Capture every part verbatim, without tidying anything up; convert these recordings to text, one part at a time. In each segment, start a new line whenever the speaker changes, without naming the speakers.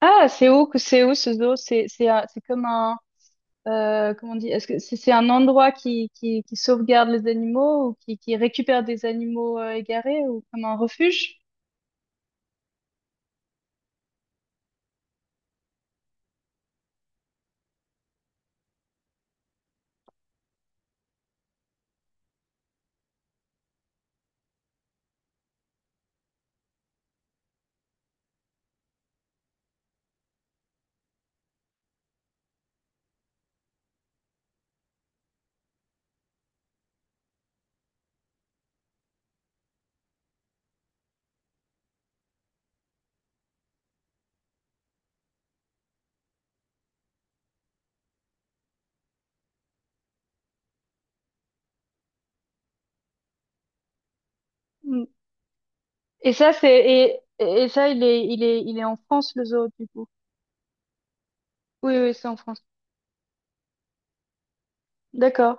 Ah, c'est où, que- c'est où ce zoo? C'est, c'est, un- c'est comme un, euh, comment on dit, est-ce que c'est c'est un endroit qui, qui, qui sauvegarde les animaux ou qui, qui récupère des animaux euh, égarés ou comme un refuge? Mm. Et ça, c'est, et, et ça, il est, il est, il est en France, le zoo, du coup. Oui, oui, c'est en France. D'accord.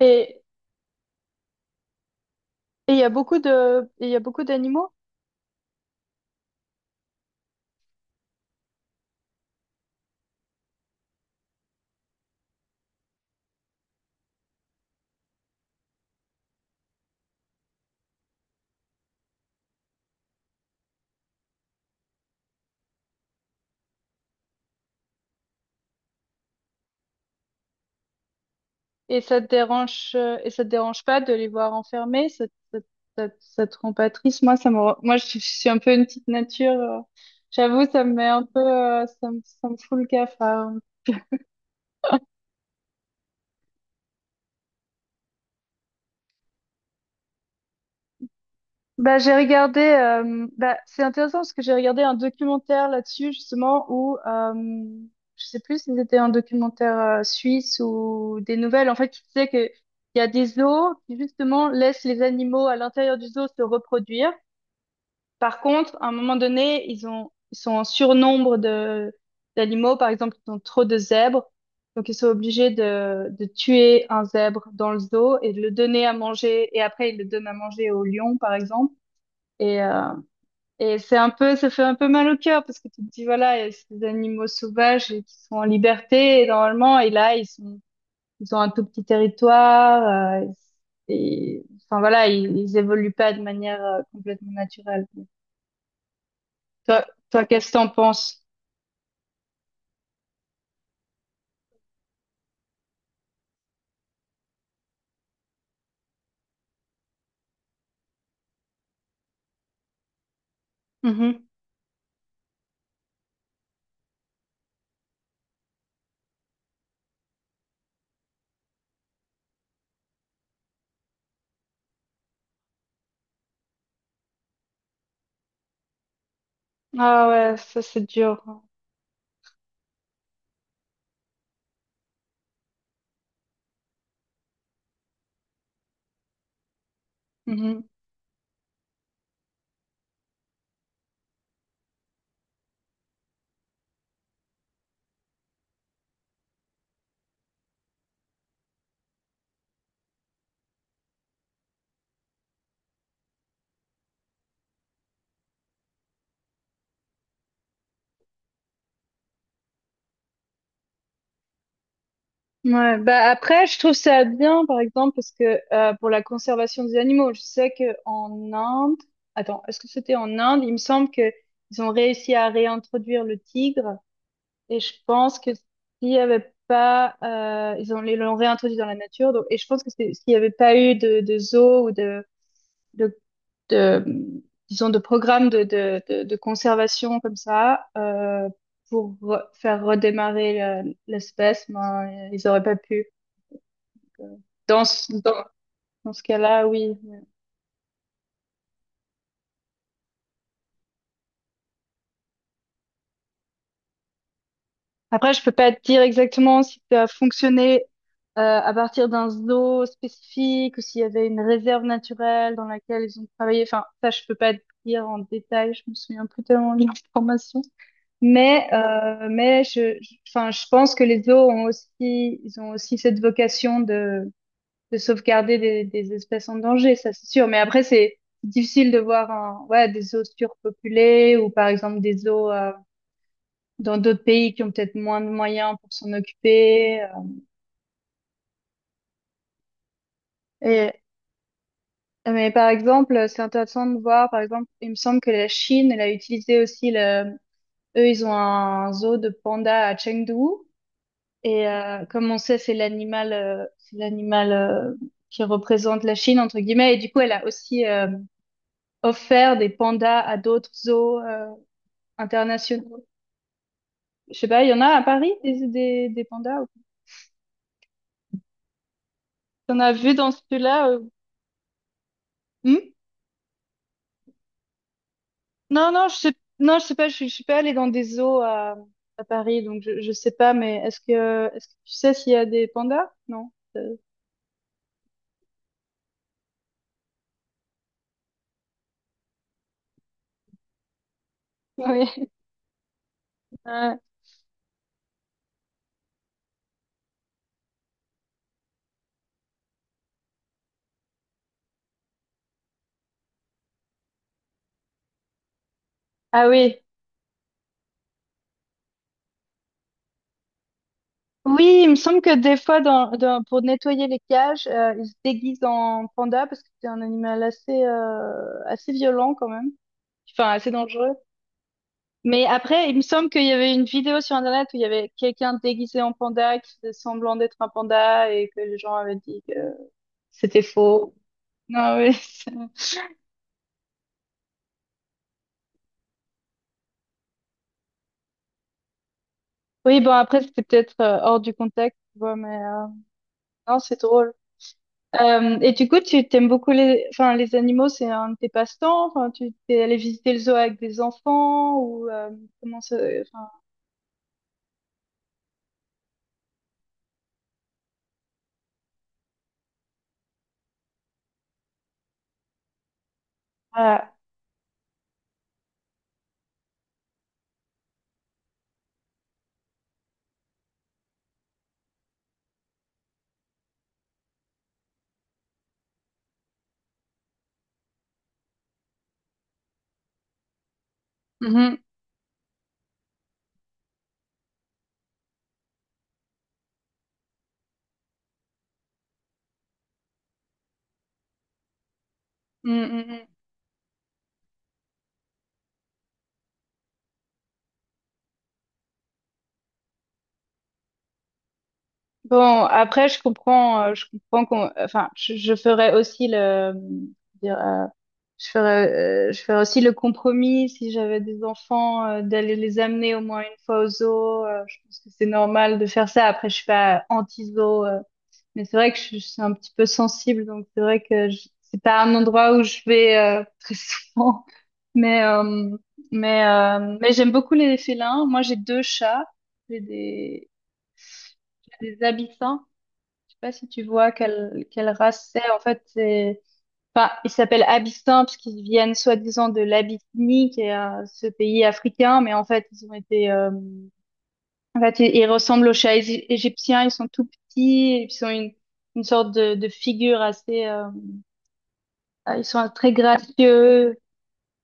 Et, et il y a beaucoup de, et il y a beaucoup d'animaux? Et ça te dérange, euh, et ça te dérange pas de les voir enfermés? Ça, te- ça, te- ça, te ça te rend pas triste? Moi, ça me, rend- moi, je, suis je suis un peu une petite nature. euh, J'avoue, ça me met un peu, euh, ça me, ça me fout le cafard. Bah, j'ai regardé, euh, bah, c'est intéressant parce que j'ai regardé un documentaire là-dessus, justement, où, euh, je sais plus si c'était un documentaire euh, suisse ou des nouvelles, en fait, qui disait que il y a des zoos qui, justement, laissent les animaux à l'intérieur du zoo se reproduire. Par contre, à un moment donné, ils ont, ils sont en surnombre de, d'animaux. Par exemple, ils ont trop de zèbres. Donc, ils sont obligés de, de tuer un zèbre dans le zoo et de le donner à manger. Et après, ils le donnent à manger au lion, par exemple. Et, euh, et c'est un peu, ça fait un peu mal au cœur parce que tu te dis, voilà, il y a ces animaux sauvages et qui sont en liberté et normalement, et là, ils sont, ils ont un tout petit territoire. euh, et, enfin, voilà, ils, ils évoluent pas de manière euh, complètement naturelle. Toi, toi, qu'est-ce que t'en penses? Mhm. Ah ouais, ça c'est dur. Mhm. Ouais, bah après je trouve ça bien par exemple parce que euh, pour la conservation des animaux, je sais que en Inde, attends, est-ce que c'était en Inde? Il me semble que ils ont réussi à réintroduire le tigre et je pense que s'il y avait pas, euh, ils ont ils l'ont réintroduit dans la nature donc et je pense que c'est- s'il y avait pas eu de, de zoo ou de de de, disons, de programmes de, de, de, de conservation comme ça, euh, pour re- faire redémarrer le- l'espèce, ben, ils auraient pas pu. Donc, euh, Dans ce, dans, dans ce cas-là, oui. Après, je peux pas te dire exactement si ça a fonctionné euh, à partir d'un zoo spécifique ou s'il y avait une réserve naturelle dans laquelle ils ont travaillé. Enfin, ça, je peux pas te dire en détail. Je me souviens plus tellement de l'information. Mais, euh, mais je, je- enfin, je pense que les zoos ont aussi, ils ont aussi cette vocation de, de sauvegarder des, des espèces en danger, ça c'est sûr. Mais après, c'est difficile de voir un, ouais, des zoos surpopulés ou par exemple des zoos euh, dans d'autres pays qui ont peut-être moins de moyens pour s'en occuper. euh. Et, mais par exemple, c'est intéressant de voir, par exemple, il me semble que la Chine, elle a utilisé aussi le, eux, ils ont un zoo de pandas à Chengdu. Et euh, comme on sait, c'est l'animal, euh, c'est l'animal euh, qui représente la Chine entre guillemets. Et du coup, elle a aussi euh, offert des pandas à d'autres zoos euh, internationaux. Je sais pas, il y en a à Paris des des, des pandas. Ou pas T'en as vu dans celui-là? euh, hmm Non, non, je sais, non, je sais pas. Je, suis- je suis pas allée dans des zoos à, à Paris, donc je, je sais pas. Mais est-ce que est-ce que tu sais s'il y a des pandas? Non. Euh, oui. Ah ah oui. Oui, il me semble que des fois, dans, dans- pour nettoyer les cages, euh, ils se déguisent en panda parce que c'est un animal assez, euh, assez violent quand même, enfin assez dangereux. Mais après, il me semble qu'il y avait une vidéo sur Internet où il y avait quelqu'un déguisé en panda qui faisait semblant d'être un panda et que les gens avaient dit que c'était faux. Non, oui. c'est- Oui, bon, après, c'était peut-être euh, hors du contexte, tu vois, mais euh, non, c'est drôle. Euh, et du coup, tu t'aimes beaucoup les, enfin, les animaux, c'est un de tes passe-temps. Enfin, tu t'es allé visiter le zoo avec des enfants ou euh, comment ça, enfin, voilà. Mhm, mm, mm, mm. Bon, après, je comprends, euh, je comprends qu'on, enfin, je, je ferais aussi le, dire, euh, je ferais, euh, je ferais aussi le compromis si j'avais des enfants euh, d'aller les amener au moins une fois au zoo. Euh, je pense que c'est normal de faire ça. Après, je suis pas anti-zoo. euh, Mais c'est vrai que je, je suis un petit peu sensible, donc c'est vrai que je- c'est pas un endroit où je vais euh, très souvent. Mais euh, mais euh, mais j'aime beaucoup les félins. Moi, j'ai deux chats, j'ai des j'ai des abyssins. Je sais pas si tu vois quelle quelle race c'est. En fait, c'est enfin ils s'appellent abyssins parce qu'ils viennent soi-disant de l'Abyssinie, qui est euh, ce pays africain, mais en fait ils ont été euh, en fait, ils, ils ressemblent aux chats égy- égyptiens, ils sont tout petits, et ils ont une, une sorte de, de figure assez, euh, ah, ils sont très gracieux,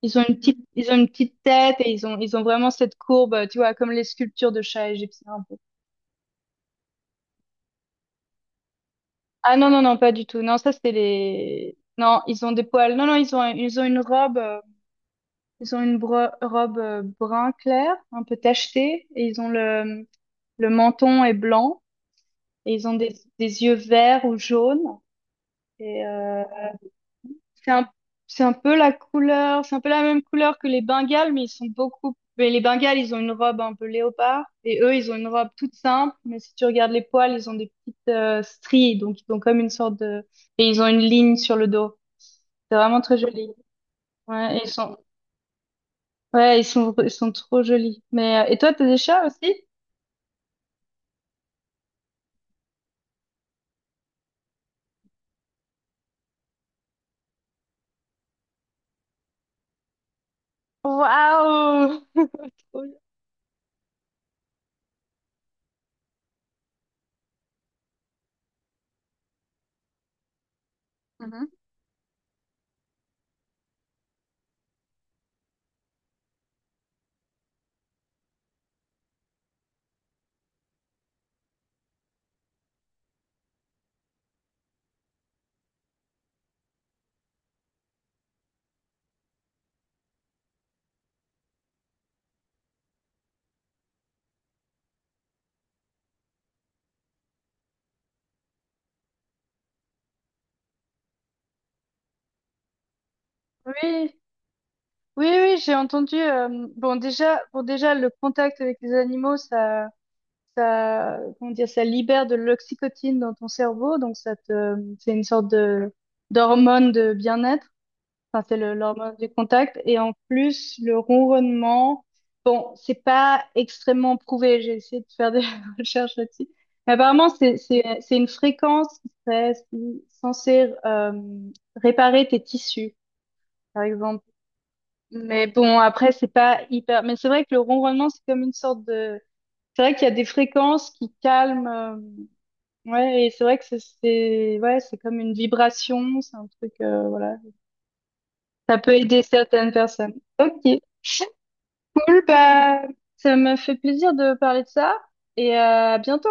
ils ont une petite, ils ont une petite tête et ils ont, ils ont vraiment cette courbe, euh, tu vois, comme les sculptures de chats égyptiens un peu. Ah non, non, non, pas du tout. Non, ça c'est les, non, ils ont des poils. Non, non, ils ont, ils ont une robe, euh, ils ont une bro- robe euh, brun clair, un peu tachetée, et ils ont le, le menton est blanc, et ils ont des, des yeux verts ou jaunes, et, euh, C'est un, c'est un peu la couleur, c'est un peu la même couleur que les Bengales, mais ils sont beaucoup. Mais les Bengales, ils ont une robe un peu léopard, et eux, ils ont une robe toute simple. Mais si tu regardes les poils, ils ont des petites euh, stries, donc ils ont comme une sorte de, et ils ont une ligne sur le dos. C'est vraiment très joli. Ouais, et ils sont, ouais, ils sont, ils sont trop jolis. Mais euh, et toi, t'as des chats aussi? Waouh! Mhm. Oui, oui, oui, j'ai entendu. euh, bon, déjà, bon, déjà, le contact avec les animaux, ça. Ça, comment dire, ça libère de l'oxytocine dans ton cerveau, donc ça te, c'est une sorte de d'hormone de bien-être. Enfin, c'est le- l'hormone du contact. Et en plus, le ronronnement, bon, c'est pas extrêmement prouvé. J'ai essayé de faire des recherches là-dessus. Mais apparemment, c'est c'est c'est une fréquence qui serait si, censée euh, réparer tes tissus, par exemple. Mais bon, après, c'est pas hyper. Mais c'est vrai que le ronronnement, c'est comme une sorte de. C'est vrai qu'il y a des fréquences qui calment. euh, Ouais, et c'est vrai que c'est c'est- ouais, c'est comme une vibration, c'est un truc, euh, voilà. Ça peut aider certaines personnes. Ok. Cool, bah, ça m'a fait plaisir de parler de ça et euh, à bientôt.